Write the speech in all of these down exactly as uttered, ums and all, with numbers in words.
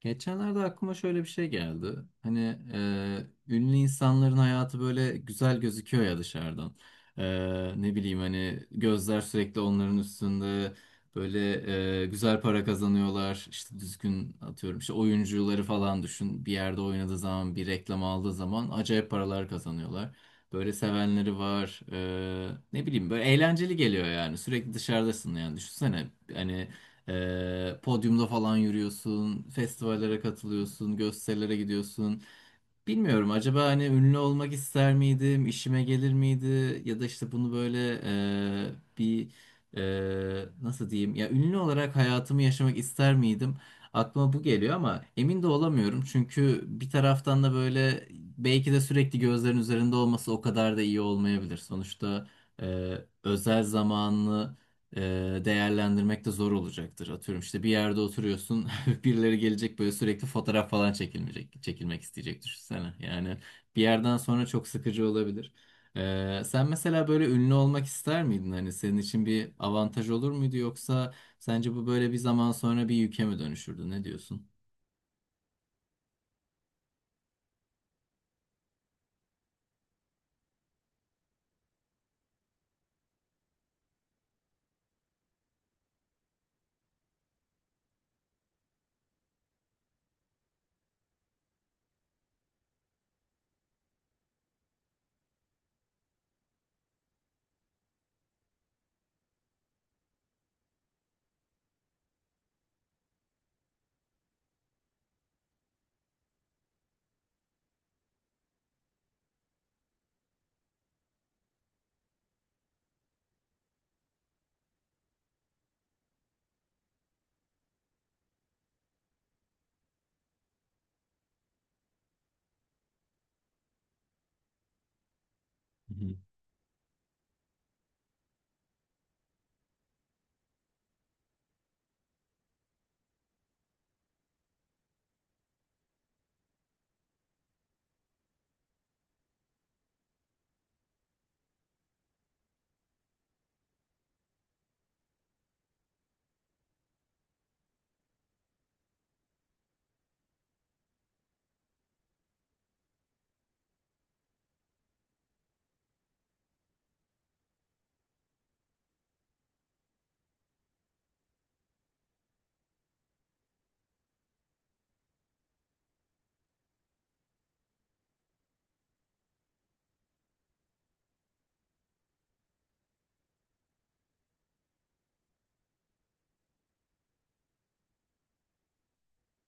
Geçenlerde aklıma şöyle bir şey geldi. Hani e, ünlü insanların hayatı böyle güzel gözüküyor ya dışarıdan. E, ne bileyim hani gözler sürekli onların üstünde böyle e, güzel para kazanıyorlar. İşte düzgün atıyorum işte oyuncuları falan düşün. Bir yerde oynadığı zaman bir reklam aldığı zaman acayip paralar kazanıyorlar. Böyle sevenleri var. E, ne bileyim böyle eğlenceli geliyor yani. Sürekli dışarıdasın yani düşünsene. Hani ee, podyumda falan yürüyorsun, festivallere katılıyorsun, gösterilere gidiyorsun. Bilmiyorum acaba hani ünlü olmak ister miydim, işime gelir miydi ya da işte bunu böyle e, bir e, nasıl diyeyim ya ünlü olarak hayatımı yaşamak ister miydim? Aklıma bu geliyor ama emin de olamıyorum çünkü bir taraftan da böyle belki de sürekli gözlerin üzerinde olması o kadar da iyi olmayabilir. Sonuçta e, özel zamanını e, değerlendirmek de zor olacaktır. Atıyorum işte bir yerde oturuyorsun. Birileri gelecek böyle sürekli fotoğraf falan çekilmeyecek, çekilmek isteyecek düşünsene. Yani bir yerden sonra çok sıkıcı olabilir. Ee, sen mesela böyle ünlü olmak ister miydin? Hani senin için bir avantaj olur muydu yoksa sence bu böyle bir zaman sonra bir yüke mi dönüşürdü? Ne diyorsun? Hı hı.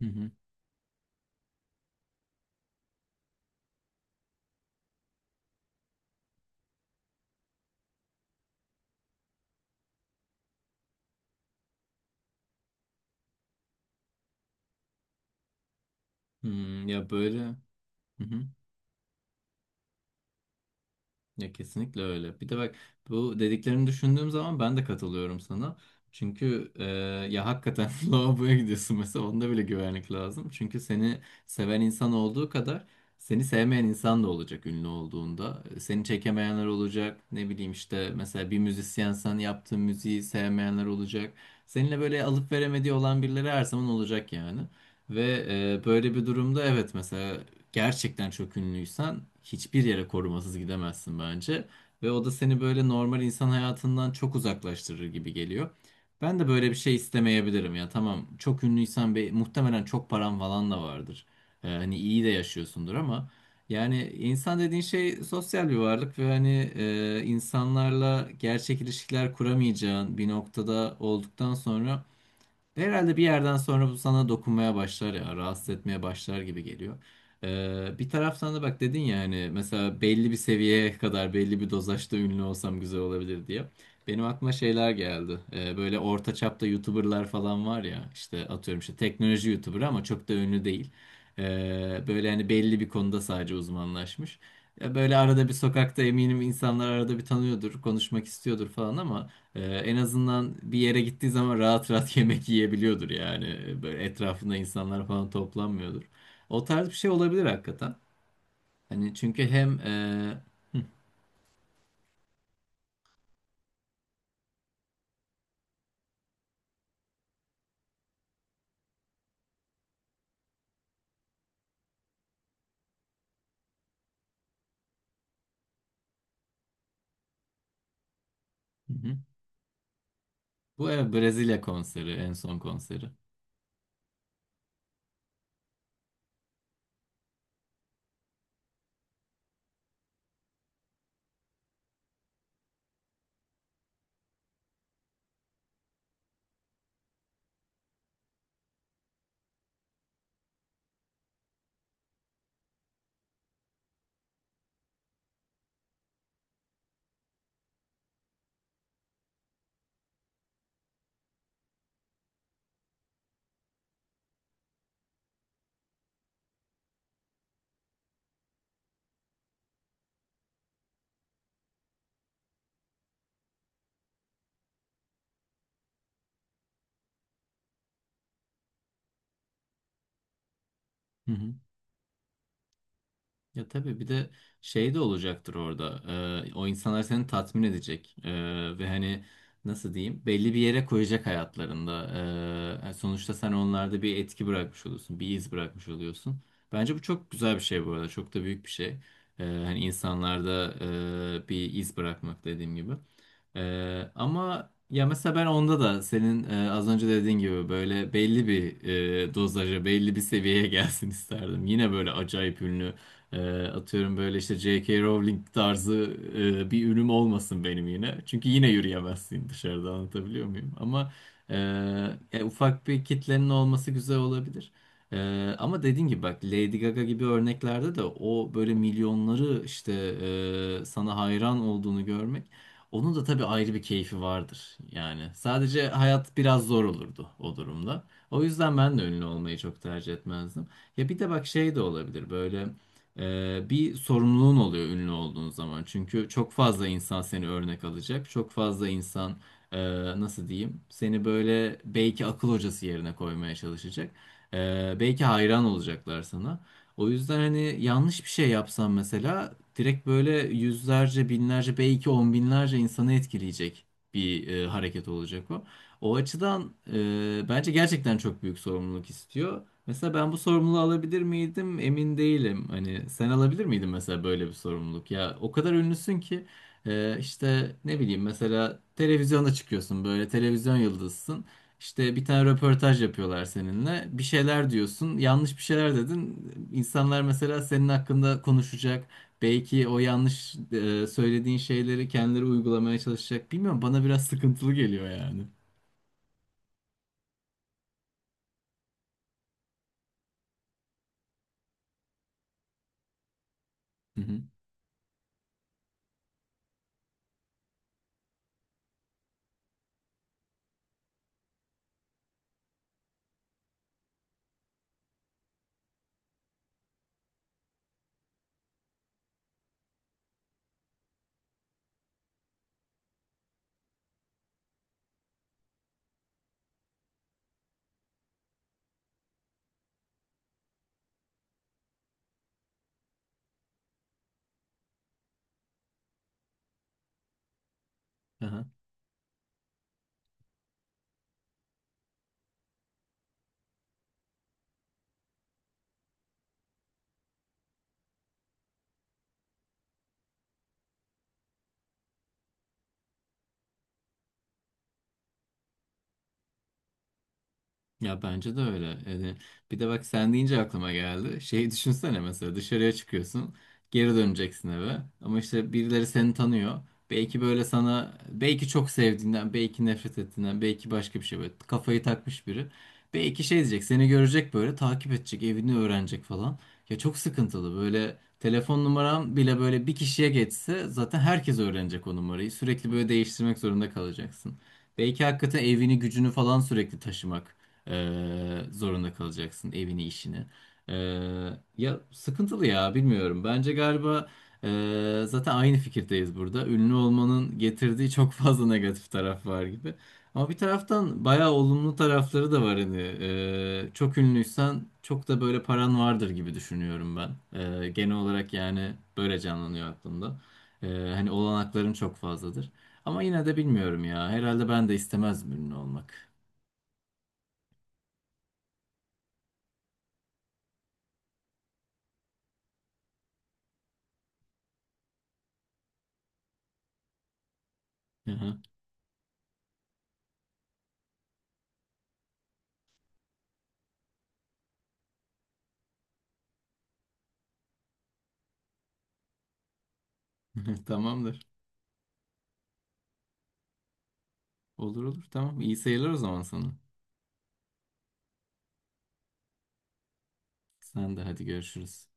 Hı hı. Hmm, ya böyle. Hı hı. Ya kesinlikle öyle. Bir de bak bu dediklerini düşündüğüm zaman ben de katılıyorum sana. Çünkü e, ya hakikaten lavaboya gidiyorsun mesela onda bile güvenlik lazım. Çünkü seni seven insan olduğu kadar seni sevmeyen insan da olacak ünlü olduğunda. E, Seni çekemeyenler olacak. Ne bileyim işte mesela bir müzisyensen yaptığın müziği sevmeyenler olacak. Seninle böyle alıp veremediği olan birileri her zaman olacak yani. Ve e, böyle bir durumda evet mesela gerçekten çok ünlüysen hiçbir yere korumasız gidemezsin bence. Ve o da seni böyle normal insan hayatından çok uzaklaştırır gibi geliyor. Ben de böyle bir şey istemeyebilirim ya. Tamam çok ünlüysen be, muhtemelen çok paran falan da vardır. Ee, hani iyi de yaşıyorsundur ama yani insan dediğin şey sosyal bir varlık ve hani e, insanlarla gerçek ilişkiler kuramayacağın bir noktada olduktan sonra herhalde bir yerden sonra bu sana dokunmaya başlar ya, rahatsız etmeye başlar gibi geliyor. Ee, bir taraftan da bak dedin ya hani mesela belli bir seviyeye kadar belli bir dozajda ünlü olsam güzel olabilir diye. Benim aklıma şeyler geldi. Ee, böyle orta çapta YouTuber'lar falan var ya işte atıyorum işte teknoloji YouTuber ama çok da ünlü değil. Ee, böyle hani belli bir konuda sadece uzmanlaşmış. Ya böyle arada bir sokakta eminim insanlar arada bir tanıyordur, konuşmak istiyordur falan ama e, en azından bir yere gittiği zaman rahat rahat yemek yiyebiliyordur yani. E, Böyle etrafında insanlar falan toplanmıyordur. O tarz bir şey olabilir hakikaten. Hani çünkü hem e, hı hı. Bu evet, Brezilya konseri en son konseri. Hı hı. Ya tabii bir de şey de olacaktır orada. Ee, o insanlar seni tatmin edecek. Ee, ve hani nasıl diyeyim? Belli bir yere koyacak hayatlarında. Ee, yani sonuçta sen onlarda bir etki bırakmış oluyorsun. Bir iz bırakmış oluyorsun. Bence bu çok güzel bir şey bu arada. Çok da büyük bir şey. Ee, hani insanlarda e, bir iz bırakmak dediğim gibi. Ee, ama ya mesela ben onda da senin e, az önce dediğin gibi böyle belli bir e, dozaja, belli bir seviyeye gelsin isterdim. Yine böyle acayip ünlü e, atıyorum böyle işte J K. Rowling tarzı e, bir ünüm olmasın benim yine. Çünkü yine yürüyemezsin dışarıda anlatabiliyor muyum? Ama e, ya ufak bir kitlenin olması güzel olabilir. E, ama dediğin gibi bak Lady Gaga gibi örneklerde de o böyle milyonları işte e, sana hayran olduğunu görmek onun da tabii ayrı bir keyfi vardır. Yani sadece hayat biraz zor olurdu o durumda. O yüzden ben de ünlü olmayı çok tercih etmezdim. Ya bir de bak şey de olabilir böyle e, bir sorumluluğun oluyor ünlü olduğun zaman. Çünkü çok fazla insan seni örnek alacak. Çok fazla insan e, nasıl diyeyim seni böyle belki akıl hocası yerine koymaya çalışacak. E, belki hayran olacaklar sana. O yüzden hani yanlış bir şey yapsam mesela direkt böyle yüzlerce, binlerce, belki on binlerce insanı etkileyecek bir e, hareket olacak o. O açıdan e, bence gerçekten çok büyük sorumluluk istiyor. Mesela ben bu sorumluluğu alabilir miydim? Emin değilim. Hani sen alabilir miydin mesela böyle bir sorumluluk? Ya o kadar ünlüsün ki e, işte ne bileyim mesela televizyonda çıkıyorsun böyle televizyon yıldızısın. İşte bir tane röportaj yapıyorlar seninle. Bir şeyler diyorsun. Yanlış bir şeyler dedin. İnsanlar mesela senin hakkında konuşacak. Belki o yanlış e, söylediğin şeyleri kendileri uygulamaya çalışacak. Bilmiyorum bana biraz sıkıntılı geliyor yani. Hı hı. Aha. Ya bence de öyle. Yani bir de bak sen deyince aklıma geldi. Şeyi düşünsene mesela dışarıya çıkıyorsun, geri döneceksin eve. Ama işte birileri seni tanıyor. Belki böyle sana belki çok sevdiğinden, belki nefret ettiğinden, belki başka bir şey böyle kafayı takmış biri. Belki şey diyecek, seni görecek böyle takip edecek, evini öğrenecek falan. Ya çok sıkıntılı. Böyle telefon numaram bile böyle bir kişiye geçse zaten herkes öğrenecek o numarayı. Sürekli böyle değiştirmek zorunda kalacaksın. Belki hakikaten evini, gücünü falan sürekli taşımak. Ee, zorunda kalacaksın evini işini. Ee, ya sıkıntılı ya bilmiyorum. Bence galiba e, zaten aynı fikirdeyiz burada. Ünlü olmanın getirdiği çok fazla negatif taraf var gibi. Ama bir taraftan bayağı olumlu tarafları da var hani. Ee, çok ünlüysen çok da böyle paran vardır gibi düşünüyorum ben. Ee, genel olarak yani böyle canlanıyor aklımda. Ee, hani olanakların çok fazladır. Ama yine de bilmiyorum ya. Herhalde ben de istemezdim ünlü olmak. Tamamdır. Olur olur tamam. İyi seyirler o zaman sana. Sen de hadi görüşürüz.